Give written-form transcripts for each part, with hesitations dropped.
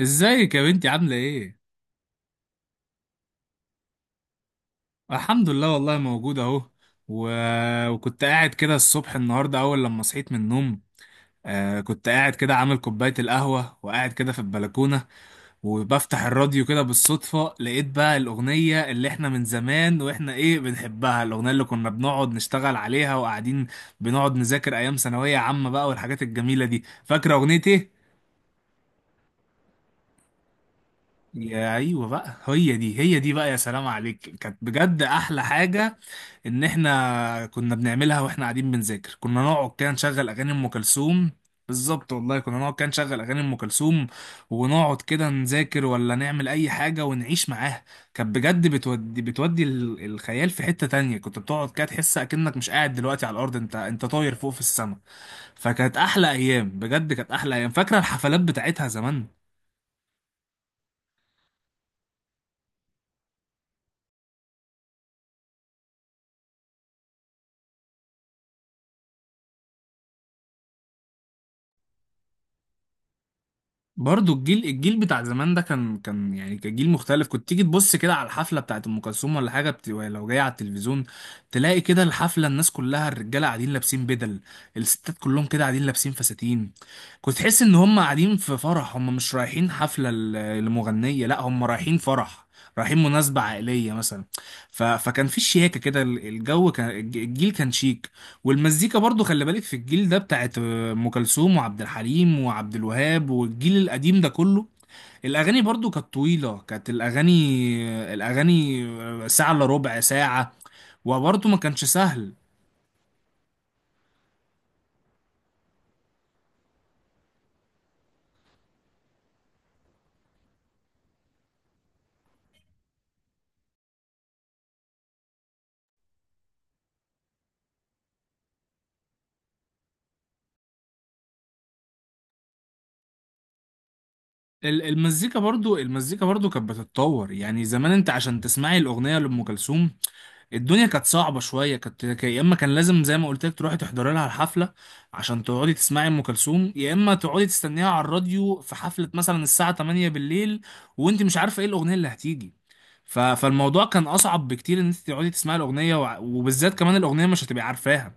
ازيك يا بنتي عاملة ايه؟ الحمد لله والله موجود اهو. و... وكنت قاعد كده الصبح النهاردة أول لما صحيت من النوم. كنت قاعد كده عامل كوباية القهوة وقاعد كده في البلكونة، وبفتح الراديو كده بالصدفة لقيت بقى الأغنية اللي احنا من زمان واحنا ايه بنحبها، الأغنية اللي كنا بنقعد نشتغل عليها وقاعدين بنقعد نذاكر أيام ثانوية عامة بقى والحاجات الجميلة دي. فاكرة أغنية ايه؟ يا ايوه بقى، هي دي هي دي بقى، يا سلام عليك، كانت بجد احلى حاجه. ان احنا كنا بنعملها واحنا قاعدين بنذاكر كنا نقعد كده نشغل اغاني ام كلثوم. بالظبط والله، كنا نقعد كده نشغل اغاني ام كلثوم ونقعد كده نذاكر ولا نعمل اي حاجه ونعيش معاها. كانت بجد بتودي بتودي الخيال في حته تانية. كنت بتقعد كده تحس اكنك مش قاعد دلوقتي على الارض، انت طاير فوق في السماء. فكانت احلى ايام بجد، كانت احلى ايام. فاكره الحفلات بتاعتها زمان. برضو الجيل الجيل بتاع زمان ده كان يعني كان جيل مختلف. كنت تيجي تبص كده على الحفله بتاعت ام كلثوم ولا حاجه لو جايه على التلفزيون، تلاقي كده الحفله الناس كلها، الرجاله قاعدين لابسين بدل، الستات كلهم كده قاعدين لابسين فساتين. كنت تحس ان هم قاعدين في فرح، هم مش رايحين حفله لمغنيه، لا هم رايحين فرح، رايحين مناسبة عائلية مثلا. فكان في شياكة كده، الجو كان، الجيل كان شيك. والمزيكا برضو خلي بالك في الجيل ده بتاعت ام كلثوم وعبد الحليم وعبد الوهاب والجيل القديم ده كله. الاغاني برضو كانت طويله، كانت الاغاني، الاغاني ساعه الا ربع ساعه. وبرضو ما كانش سهل. المزيكا برضو المزيكا برضو كانت بتتطور. يعني زمان انت عشان تسمعي الاغنيه لام كلثوم الدنيا كانت صعبة شوية، كانت يا إما كان لازم زي ما قلت لك تروحي تحضري لها الحفلة عشان تقعدي تسمعي أم كلثوم، يا إما تقعدي تستنيها على الراديو في حفلة مثلا الساعة 8 بالليل وأنت مش عارفة إيه الأغنية اللي هتيجي. فالموضوع كان أصعب بكتير إن أنت تقعدي تسمعي الأغنية، وبالذات كمان الأغنية مش هتبقي عارفاها.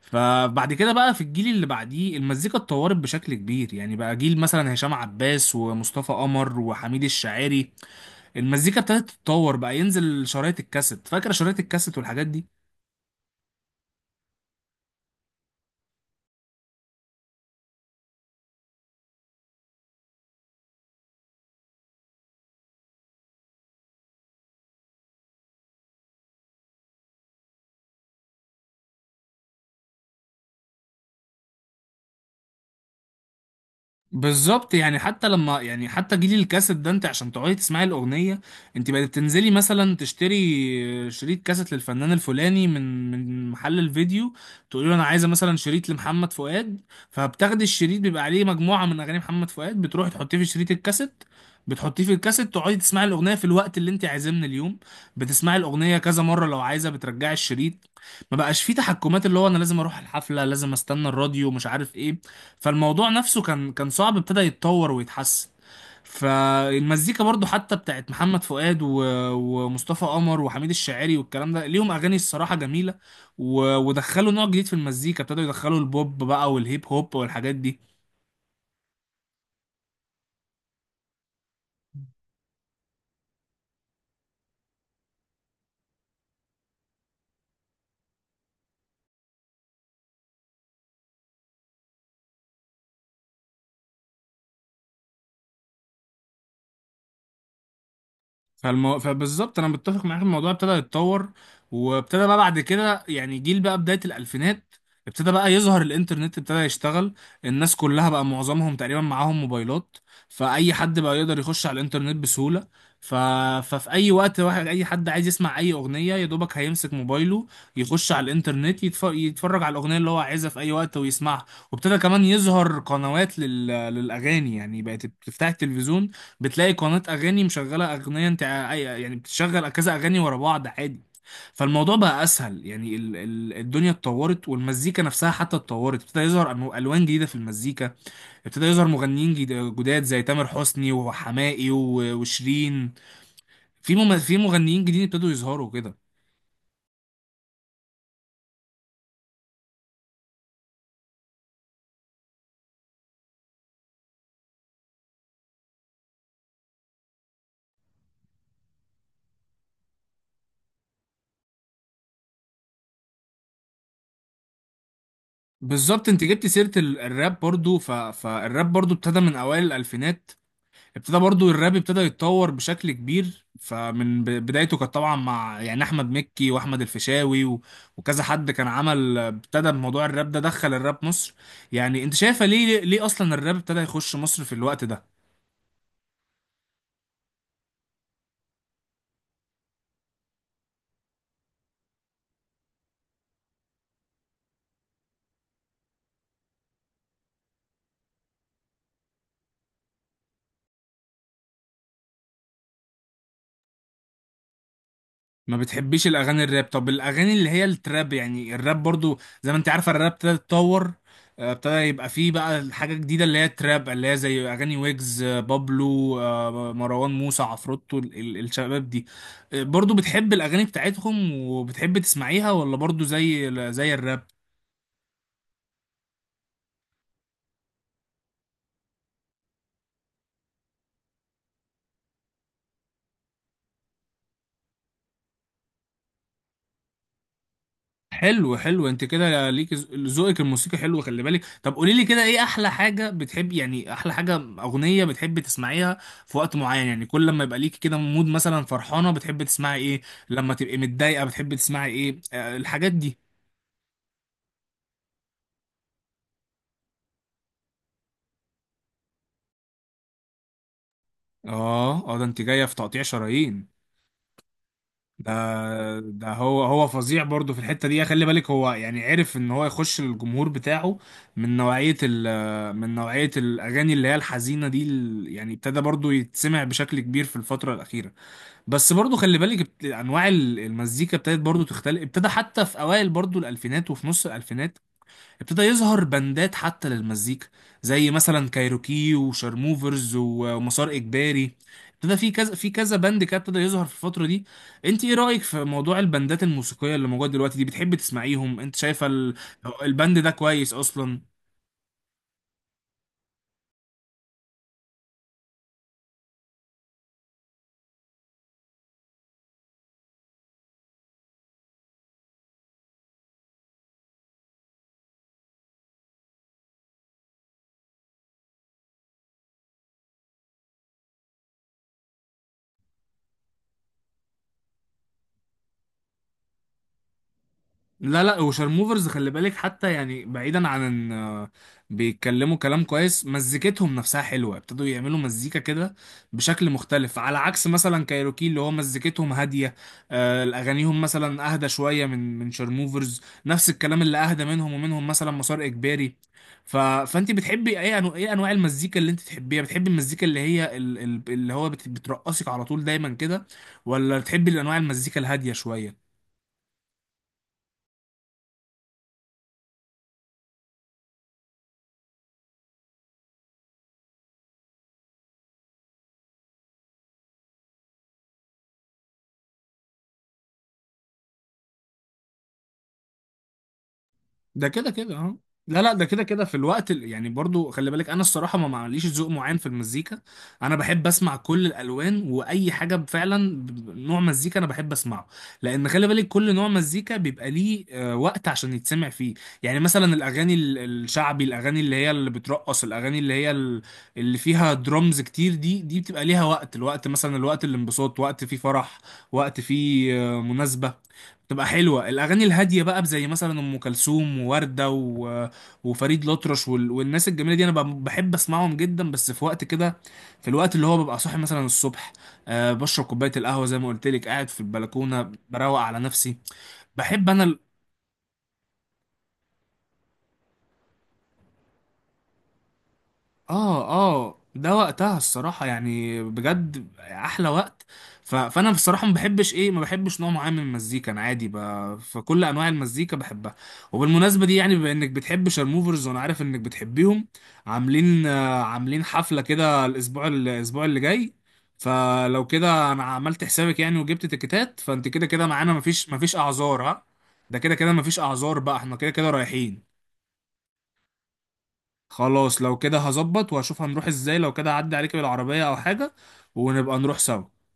فبعد كده بقى في الجيل اللي بعديه المزيكا اتطورت بشكل كبير. يعني بقى جيل مثلا هشام عباس ومصطفى قمر وحميد الشاعري، المزيكا ابتدت تتطور بقى، ينزل شرايط الكاسيت. فاكر شرايط الكاسيت والحاجات دي؟ بالظبط، يعني حتى لما يعني حتى جيل الكاسيت ده انت عشان تقعدي تسمعي الاغنيه انت بقت بتنزلي مثلا تشتري شريط كاسيت للفنان الفلاني من محل الفيديو، تقولي له انا عايزه مثلا شريط لمحمد فؤاد. فبتاخدي الشريط بيبقى عليه مجموعه من اغاني محمد فؤاد، بتروحي تحطيه في شريط الكاسيت، بتحطيه في الكاسيت تقعدي تسمعي الاغنيه في الوقت اللي انت عايزاه من اليوم. بتسمعي الاغنيه كذا مره لو عايزه بترجعي الشريط. ما بقاش فيه تحكمات اللي هو انا لازم اروح الحفله، لازم استنى الراديو، مش عارف ايه. فالموضوع نفسه كان صعب، ابتدى يتطور ويتحسن. فالمزيكا برضو حتى بتاعت محمد فؤاد ومصطفى قمر وحميد الشاعري والكلام ده ليهم اغاني الصراحه جميله، ودخلوا نوع جديد في المزيكا، ابتدوا يدخلوا البوب بقى والهيب هوب والحاجات دي. فبالظبط انا متفق معاك، الموضوع ابتدى يتطور، وابتدى بقى بعد كده يعني جيل بقى بداية الالفينات، ابتدى بقى يظهر الانترنت، ابتدى يشتغل. الناس كلها بقى معظمهم تقريبا معاهم موبايلات، فاي حد بقى يقدر يخش على الانترنت بسهولة. ف... ففي اي وقت واحد اي حد عايز يسمع اي اغنية يا دوبك هيمسك موبايله، يخش على الانترنت، يتفرج على الاغنية اللي هو عايزها في اي وقت ويسمعها. وابتدى كمان يظهر قنوات للاغاني. يعني بقت بتفتح التلفزيون بتلاقي قناة أغاني مشغلة أغنية، يعني بتشغل كذا أغاني ورا بعض عادي. فالموضوع بقى أسهل. يعني ال الدنيا اتطورت، والمزيكا نفسها حتى اتطورت، ابتدى يظهر ألوان جديدة في المزيكا، ابتدى يظهر مغنيين جداد زي تامر حسني وحماقي وشيرين. في في مغنيين جديد ابتدوا يظهروا كده. بالظبط، انت جبت سيرة الراب برضو. فالراب برضو ابتدى من اوائل الالفينات، ابتدى برضو الراب ابتدى يتطور بشكل كبير. فمن بدايته كانت طبعا مع يعني احمد مكي واحمد الفيشاوي وكذا حد كان عمل ابتدى بموضوع الراب ده، دخل الراب مصر. يعني انت شايفه ليه اصلا الراب ابتدى يخش مصر في الوقت ده؟ ما بتحبيش الاغاني الراب؟ طب الاغاني اللي هي التراب، يعني الراب برضو زي ما انت عارفه الراب ابتدى يتطور، ابتدى يبقى فيه بقى حاجه جديده اللي هي التراب، اللي هي زي اغاني ويجز، بابلو، مروان موسى، عفروتو، الشباب دي. برضو بتحب الاغاني بتاعتهم وبتحب تسمعيها، ولا برضو زي الراب؟ حلو حلو، انت كده ليك ذوقك الموسيقى حلو، خلي بالك. طب قولي لي كده ايه احلى حاجه بتحب، يعني احلى حاجه اغنيه بتحب تسمعيها في وقت معين. يعني كل لما يبقى ليك كده مود مثلا فرحانه بتحب تسمعي ايه؟ لما تبقي متضايقه بتحب تسمعي ايه؟ آه الحاجات دي. اه اه، ده انت جايه في تقطيع شرايين. ده ده هو هو فظيع برضه في الحتة دي خلي بالك. هو يعني عرف ان هو يخش للجمهور بتاعه من نوعية من نوعية الأغاني اللي هي الحزينة دي، يعني ابتدى برضه يتسمع بشكل كبير في الفترة الأخيرة. بس برضه خلي بالك أنواع المزيكا ابتدت برضه تختلف. ابتدى حتى في أوائل برضه الألفينات وفي نص الألفينات ابتدى يظهر بندات حتى للمزيكا، زي مثلا كايروكي وشارموفرز ومسار اجباري. ابتدى في كذا بند كده ابتدى يظهر في الفتره دي. انت ايه رايك في موضوع البندات الموسيقيه اللي موجوده دلوقتي دي؟ بتحب تسمعيهم؟ انت شايفه البند ده كويس اصلا؟ لا لا، وشارموفرز خلي بالك حتى يعني بعيدا عن ان بيتكلموا كلام كويس، مزيكتهم نفسها حلوه، ابتدوا يعملوا مزيكا كده بشكل مختلف. على عكس مثلا كايروكي اللي هو مزيكتهم هاديه، اغانيهم مثلا اهدى شويه من شارموفرز. نفس الكلام اللي اهدى منهم، ومنهم مثلا مسار اجباري. فانت بتحبي اي ايه انواع المزيكا اللي انت تحبيها؟ بتحبي المزيكا اللي هي اللي هو بترقصك على طول دايما كده، ولا بتحبي الانواع المزيكا الهاديه شويه؟ ده كده كده اه. لا لا، ده كده كده في الوقت يعني برضو خلي بالك، انا الصراحه ما معليش ذوق معين في المزيكا. انا بحب اسمع كل الالوان، واي حاجه فعلا نوع مزيكا انا بحب اسمعه. لان خلي بالك كل نوع مزيكا بيبقى ليه وقت عشان يتسمع فيه. يعني مثلا الاغاني الشعبي، الاغاني اللي هي اللي بترقص، الاغاني اللي هي اللي فيها درمز كتير دي بتبقى ليها وقت، الوقت مثلا الوقت الانبساط، وقت فيه فرح، وقت فيه مناسبه. تبقى حلوة الأغاني الهادية بقى، زي مثلا أم كلثوم ووردة وفريد الأطرش والناس الجميلة دي. أنا بحب أسمعهم جدا، بس في وقت كده، في الوقت اللي هو ببقى صاحي مثلا الصبح، أه بشرب كوباية القهوة زي ما قلت لك، قاعد في البلكونة بروق على نفسي. بحب أنا. اه اه، ده وقتها الصراحة يعني بجد أحلى وقت. فأنا بصراحة ما بحبش إيه، ما بحبش نوع معين من المزيكا، أنا عادي فكل أنواع المزيكا بحبها. وبالمناسبة دي، يعني بما إنك بتحب شارموفرز، وأنا عارف إنك بتحبيهم، عاملين عاملين حفلة كده الأسبوع الأسبوع اللي جاي. فلو كده أنا عملت حسابك يعني وجبت تيكتات، فأنت كده كده معانا، مفيش مفيش أعذار ها. ده كده كده مفيش أعذار بقى، إحنا كده كده رايحين. خلاص، لو كده هظبط وهشوف هنروح ازاي، لو كده هعدي عليك بالعربية او حاجة ونبقى نروح سوا.